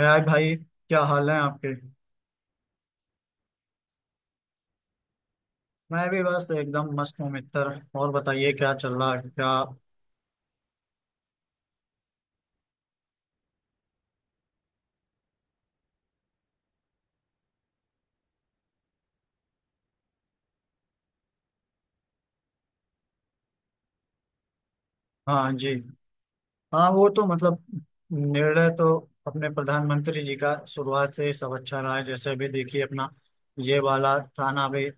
हाय भाई, क्या हाल है आपके। मैं भी बस एकदम मस्त हूँ मित्र। और बताइए क्या चल रहा है क्या। हाँ जी। हाँ, वो तो मतलब निर्णय तो अपने प्रधानमंत्री जी का शुरुआत से ही सब अच्छा रहा है। जैसे अभी देखिए अपना ये वाला थाना भी,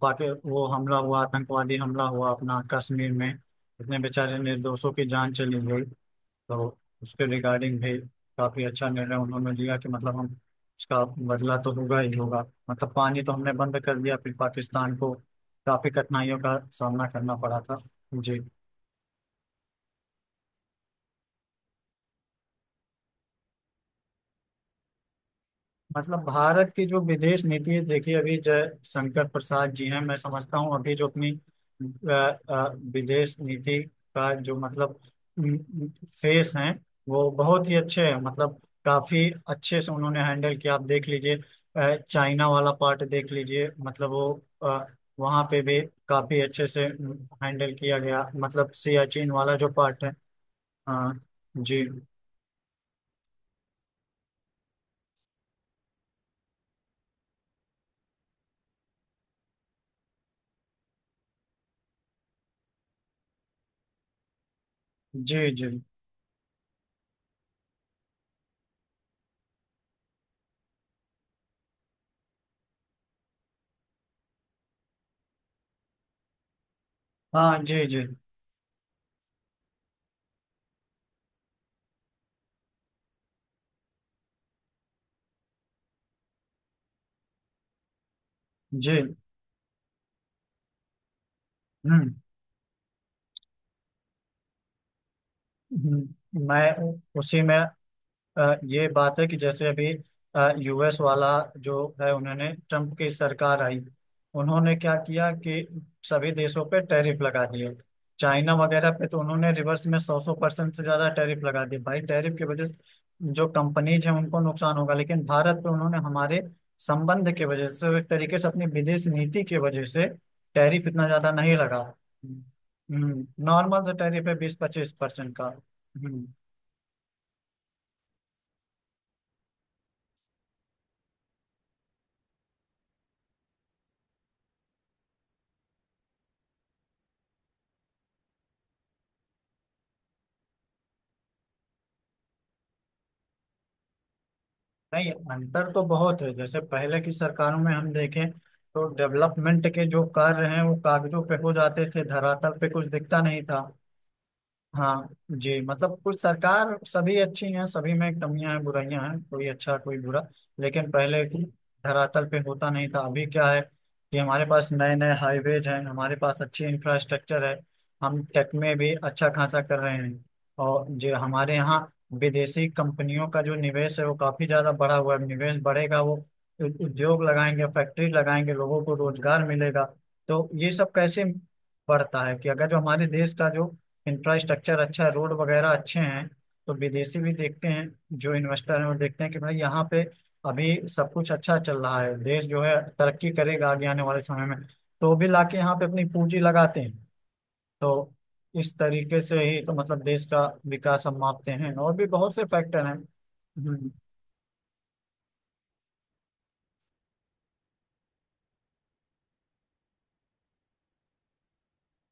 पाकि वो हमला हुआ, आतंकवादी हमला हुआ अपना कश्मीर में, इतने बेचारे निर्दोषों की जान चली गई। तो उसके रिगार्डिंग भी काफी अच्छा निर्णय उन्होंने लिया कि मतलब हम उसका बदला तो होगा ही होगा। मतलब पानी तो हमने बंद कर दिया, फिर पाकिस्तान को काफी कठिनाइयों का सामना करना पड़ा था। जी। मतलब भारत की जो विदेश नीति है, देखिए अभी जयशंकर प्रसाद जी हैं। मैं समझता हूँ अभी जो अपनी अ, विदेश नीति का जो मतलब फेस हैं, वो बहुत ही अच्छे हैं। मतलब काफी अच्छे से उन्होंने हैंडल किया, आप देख लीजिए। चाइना वाला पार्ट देख लीजिए, मतलब वो अ, वहाँ पे भी काफी अच्छे से हैंडल किया गया। मतलब सियाचिन वाला जो पार्ट है। हाँ। जी जी जी। हाँ। जी जी जी। हम्म। मैं उसी में ये बात है कि जैसे अभी यूएस वाला जो है, उन्होंने ट्रम्प की सरकार आई। उन्होंने क्या किया कि सभी देशों पे टैरिफ लगा दिए। चाइना वगैरह पे तो उन्होंने रिवर्स में 100-100% से ज्यादा टैरिफ लगा दिए भाई। टैरिफ की वजह से जो कंपनीज हैं उनको नुकसान होगा, लेकिन भारत पे उन्होंने हमारे संबंध की वजह से, एक तरीके से अपनी विदेश नीति की वजह से, टैरिफ इतना ज्यादा नहीं लगा। हम्म। नॉर्मल से टैरिफ है, 20-25% का। हम्म। नहीं, अंतर तो बहुत है। जैसे पहले की सरकारों में हम देखें तो डेवलपमेंट के जो कार्य हैं वो कागजों पे हो जाते थे, धरातल पे कुछ दिखता नहीं था। हाँ जी। मतलब कुछ सरकार सभी अच्छी हैं, सभी में कमियां हैं, बुराइयां हैं, कोई अच्छा कोई बुरा। लेकिन पहले धरातल पे होता नहीं था। अभी क्या है कि हमारे पास नए नए हाईवेज हैं, हमारे पास अच्छी इंफ्रास्ट्रक्चर है, हम टेक में भी अच्छा खासा कर रहे हैं। और जो हमारे यहाँ विदेशी कंपनियों का जो निवेश है, वो काफी ज्यादा बढ़ा हुआ है। निवेश बढ़ेगा, वो उद्योग लगाएंगे, फैक्ट्री लगाएंगे, लोगों को रोजगार मिलेगा। तो ये सब कैसे बढ़ता है कि अगर जो हमारे देश का जो इंफ्रास्ट्रक्चर अच्छा है, रोड वगैरह अच्छे हैं, तो विदेशी भी देखते हैं, जो इन्वेस्टर हैं वो देखते हैं कि भाई यहाँ पे अभी सब कुछ अच्छा चल रहा है, देश जो है तरक्की करेगा आगे आने वाले समय में, तो वो भी लाके यहाँ पे अपनी पूंजी लगाते हैं। तो इस तरीके से ही तो मतलब देश का विकास हम मापते हैं, और भी बहुत से फैक्टर हैं। हम्म।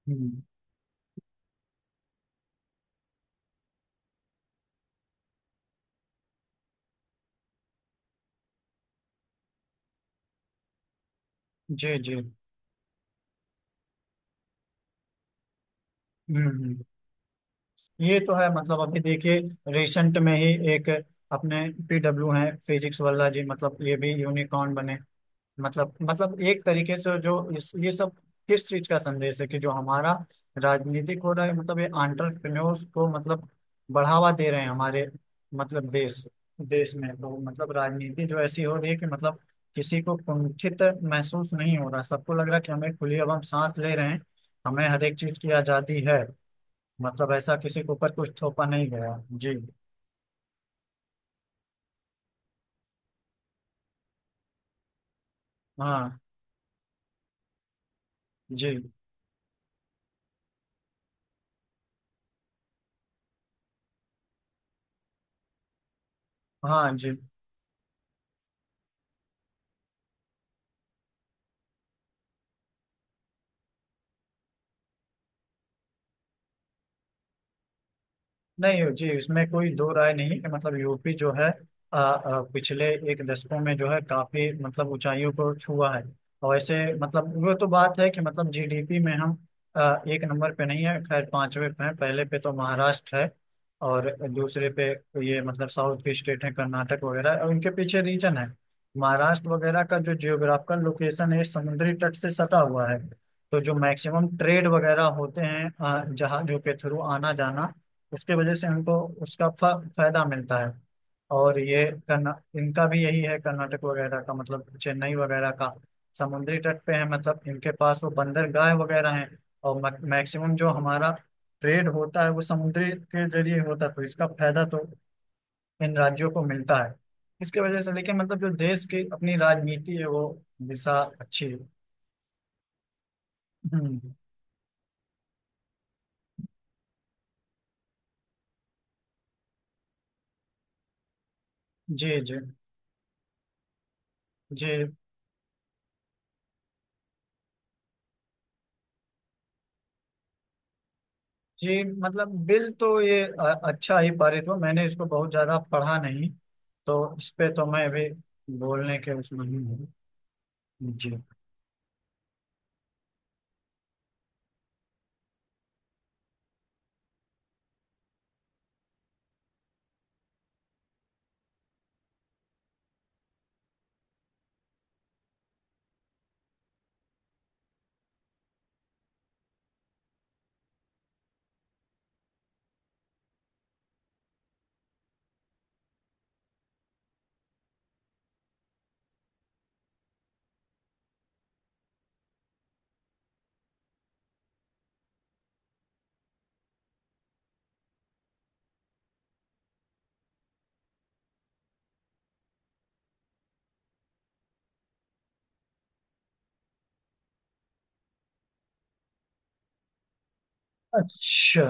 हम्म, जी जी। हम्म। हम्म। ये तो है, मतलब अभी देखिए रिसेंट में ही एक अपने पीडब्ल्यू हैं, फिजिक्स वाला जी, मतलब ये भी यूनिकॉर्न बने। मतलब एक तरीके से जो इस ये सब किस चीज का संदेश है कि जो हमारा राजनीतिक हो रहा है, मतलब ये आंट्रप्रेन्योर्स को मतलब बढ़ावा दे रहे हैं हमारे मतलब देश देश में। तो मतलब राजनीति जो ऐसी हो रही है कि मतलब किसी को कुंठित महसूस नहीं हो रहा, सबको लग रहा है कि हमें खुली अब हम सांस ले रहे हैं, हमें हर एक चीज की आजादी है। मतलब ऐसा किसी के ऊपर कुछ थोपा नहीं गया जी। हाँ जी। हाँ जी। नहीं हो जी, इसमें कोई दो राय नहीं है कि मतलब यूपी जो है पिछले एक दशकों में जो है काफी मतलब ऊंचाइयों को छुआ है। और ऐसे मतलब वो तो बात है कि मतलब जीडीपी में हम एक नंबर पे नहीं है, खैर पांचवे पे हैं। पहले पे तो महाराष्ट्र है, और दूसरे पे ये मतलब साउथ की स्टेट है, कर्नाटक वगैरह। और उनके पीछे रीजन है, महाराष्ट्र वगैरह का जो जियोग्राफिकल लोकेशन है, समुद्री तट से सटा हुआ है। तो जो मैक्सिमम ट्रेड वगैरह होते हैं, जहाजों के थ्रू आना जाना, उसके वजह से हमको उसका फायदा मिलता है। और ये कर्ना इनका भी यही है, कर्नाटक वगैरह का मतलब चेन्नई वगैरह का, समुद्री तट पे है, मतलब इनके पास वो बंदरगाह वगैरह हैं। और मैक्सिमम जो हमारा ट्रेड होता है वो समुद्री के जरिए होता है, तो इसका फायदा तो इन राज्यों को मिलता है इसके वजह से। लेकिन मतलब जो देश की अपनी राजनीति है वो दिशा अच्छी है। हम्म। जी जी। जी। जी मतलब बिल तो ये अच्छा ही पारित हुआ। मैंने इसको बहुत ज्यादा पढ़ा नहीं, तो इस पे तो मैं अभी बोलने के उसमें ही हूँ। जी। अच्छा।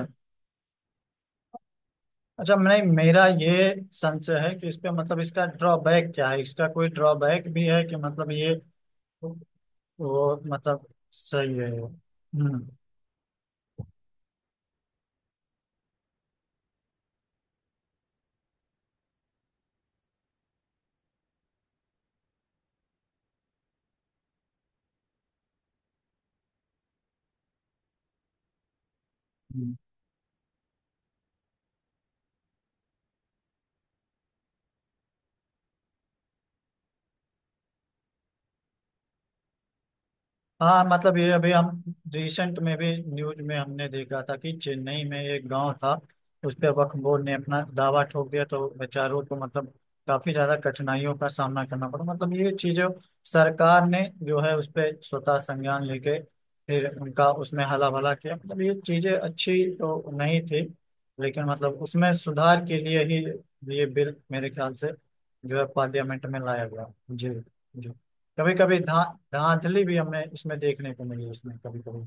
अच्छा, नहीं मेरा ये संशय है कि इस पे मतलब इसका ड्रॉबैक क्या है, इसका कोई ड्रॉबैक भी है कि मतलब ये, वो मतलब सही है। हम्म। हम्म। हाँ मतलब ये अभी हम रिसेंट में भी न्यूज में हमने देखा था कि चेन्नई में एक गांव था, उस पे वक्फ बोर्ड ने अपना दावा ठोक दिया, तो बेचारों को मतलब काफी ज्यादा कठिनाइयों का सामना करना पड़ा। मतलब ये चीजें सरकार ने जो है उस पे स्वतः संज्ञान लेके फिर उनका उसमें हला भला किया। मतलब ये चीजें अच्छी तो नहीं थी, लेकिन मतलब उसमें सुधार के लिए ही ये बिल मेरे ख्याल से जो है पार्लियामेंट में लाया गया जी। जी। कभी कभी धा धांधली भी हमें इसमें देखने को मिली इसमें, कभी कभी।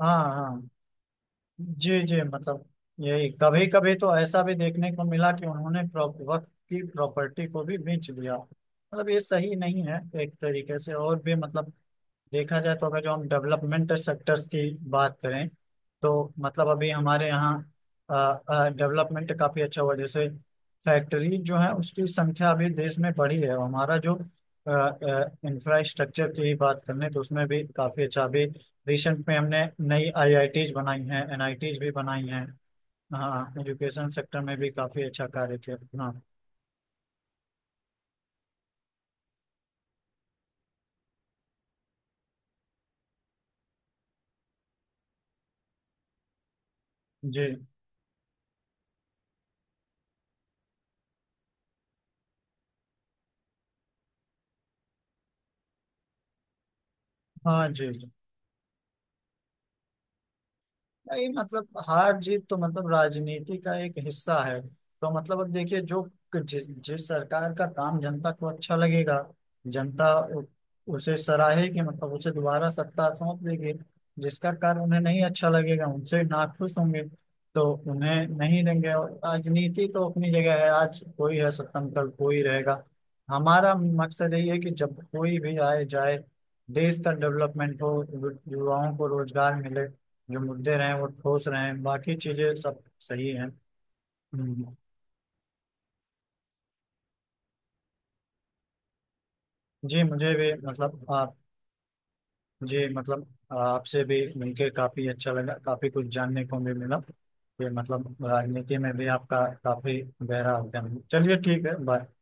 हाँ हाँ। जी जी। मतलब यही, कभी कभी तो ऐसा भी देखने को मिला कि उन्होंने वक्त की प्रॉपर्टी को भी बेच दिया। मतलब ये सही नहीं है एक तरीके से, और भी मतलब देखा जाए तो अगर जो हम डेवलपमेंट सेक्टर्स की बात करें, तो मतलब अभी हमारे यहाँ डेवलपमेंट काफी अच्छा हुआ। जैसे फैक्ट्री जो है उसकी संख्या अभी देश में बढ़ी है, और हमारा जो इंफ्रास्ट्रक्चर की बात करें तो उसमें भी काफी अच्छा अभी रिसेंट में हमने नई आईआईटीज बनाई हैं, एनआईटीज भी बनाई हैं। हाँ एजुकेशन सेक्टर में भी काफी अच्छा कार्य किया। हाँ जी। हाँ जी। जी। नहीं मतलब हार जीत तो मतलब राजनीति का एक हिस्सा है। तो मतलब अब देखिए जो, जिस जिस सरकार का काम जनता को अच्छा लगेगा, जनता उ- उसे सराहेगी, मतलब उसे दोबारा सत्ता सौंप देगी। जिसका कार्य उन्हें नहीं अच्छा लगेगा उनसे नाखुश होंगे, तो उन्हें नहीं देंगे। और राजनीति तो अपनी जगह है, आज कोई है सत्ता में, कल कोई रहेगा। हमारा मकसद यही है कि जब कोई भी आए जाए, देश का डेवलपमेंट हो, युवाओं को रोजगार मिले, जो मुद्दे रहे हैं वो ठोस रहे हैं, बाकी चीजें सब सही हैं। हम्म। जी मुझे भी मतलब आप, जी मतलब आपसे भी मिलके काफी अच्छा लगा, काफी कुछ जानने को भी मिला कि मतलब राजनीति में भी आपका काफी गहरा अध्ययन है। चलिए ठीक है, बाय।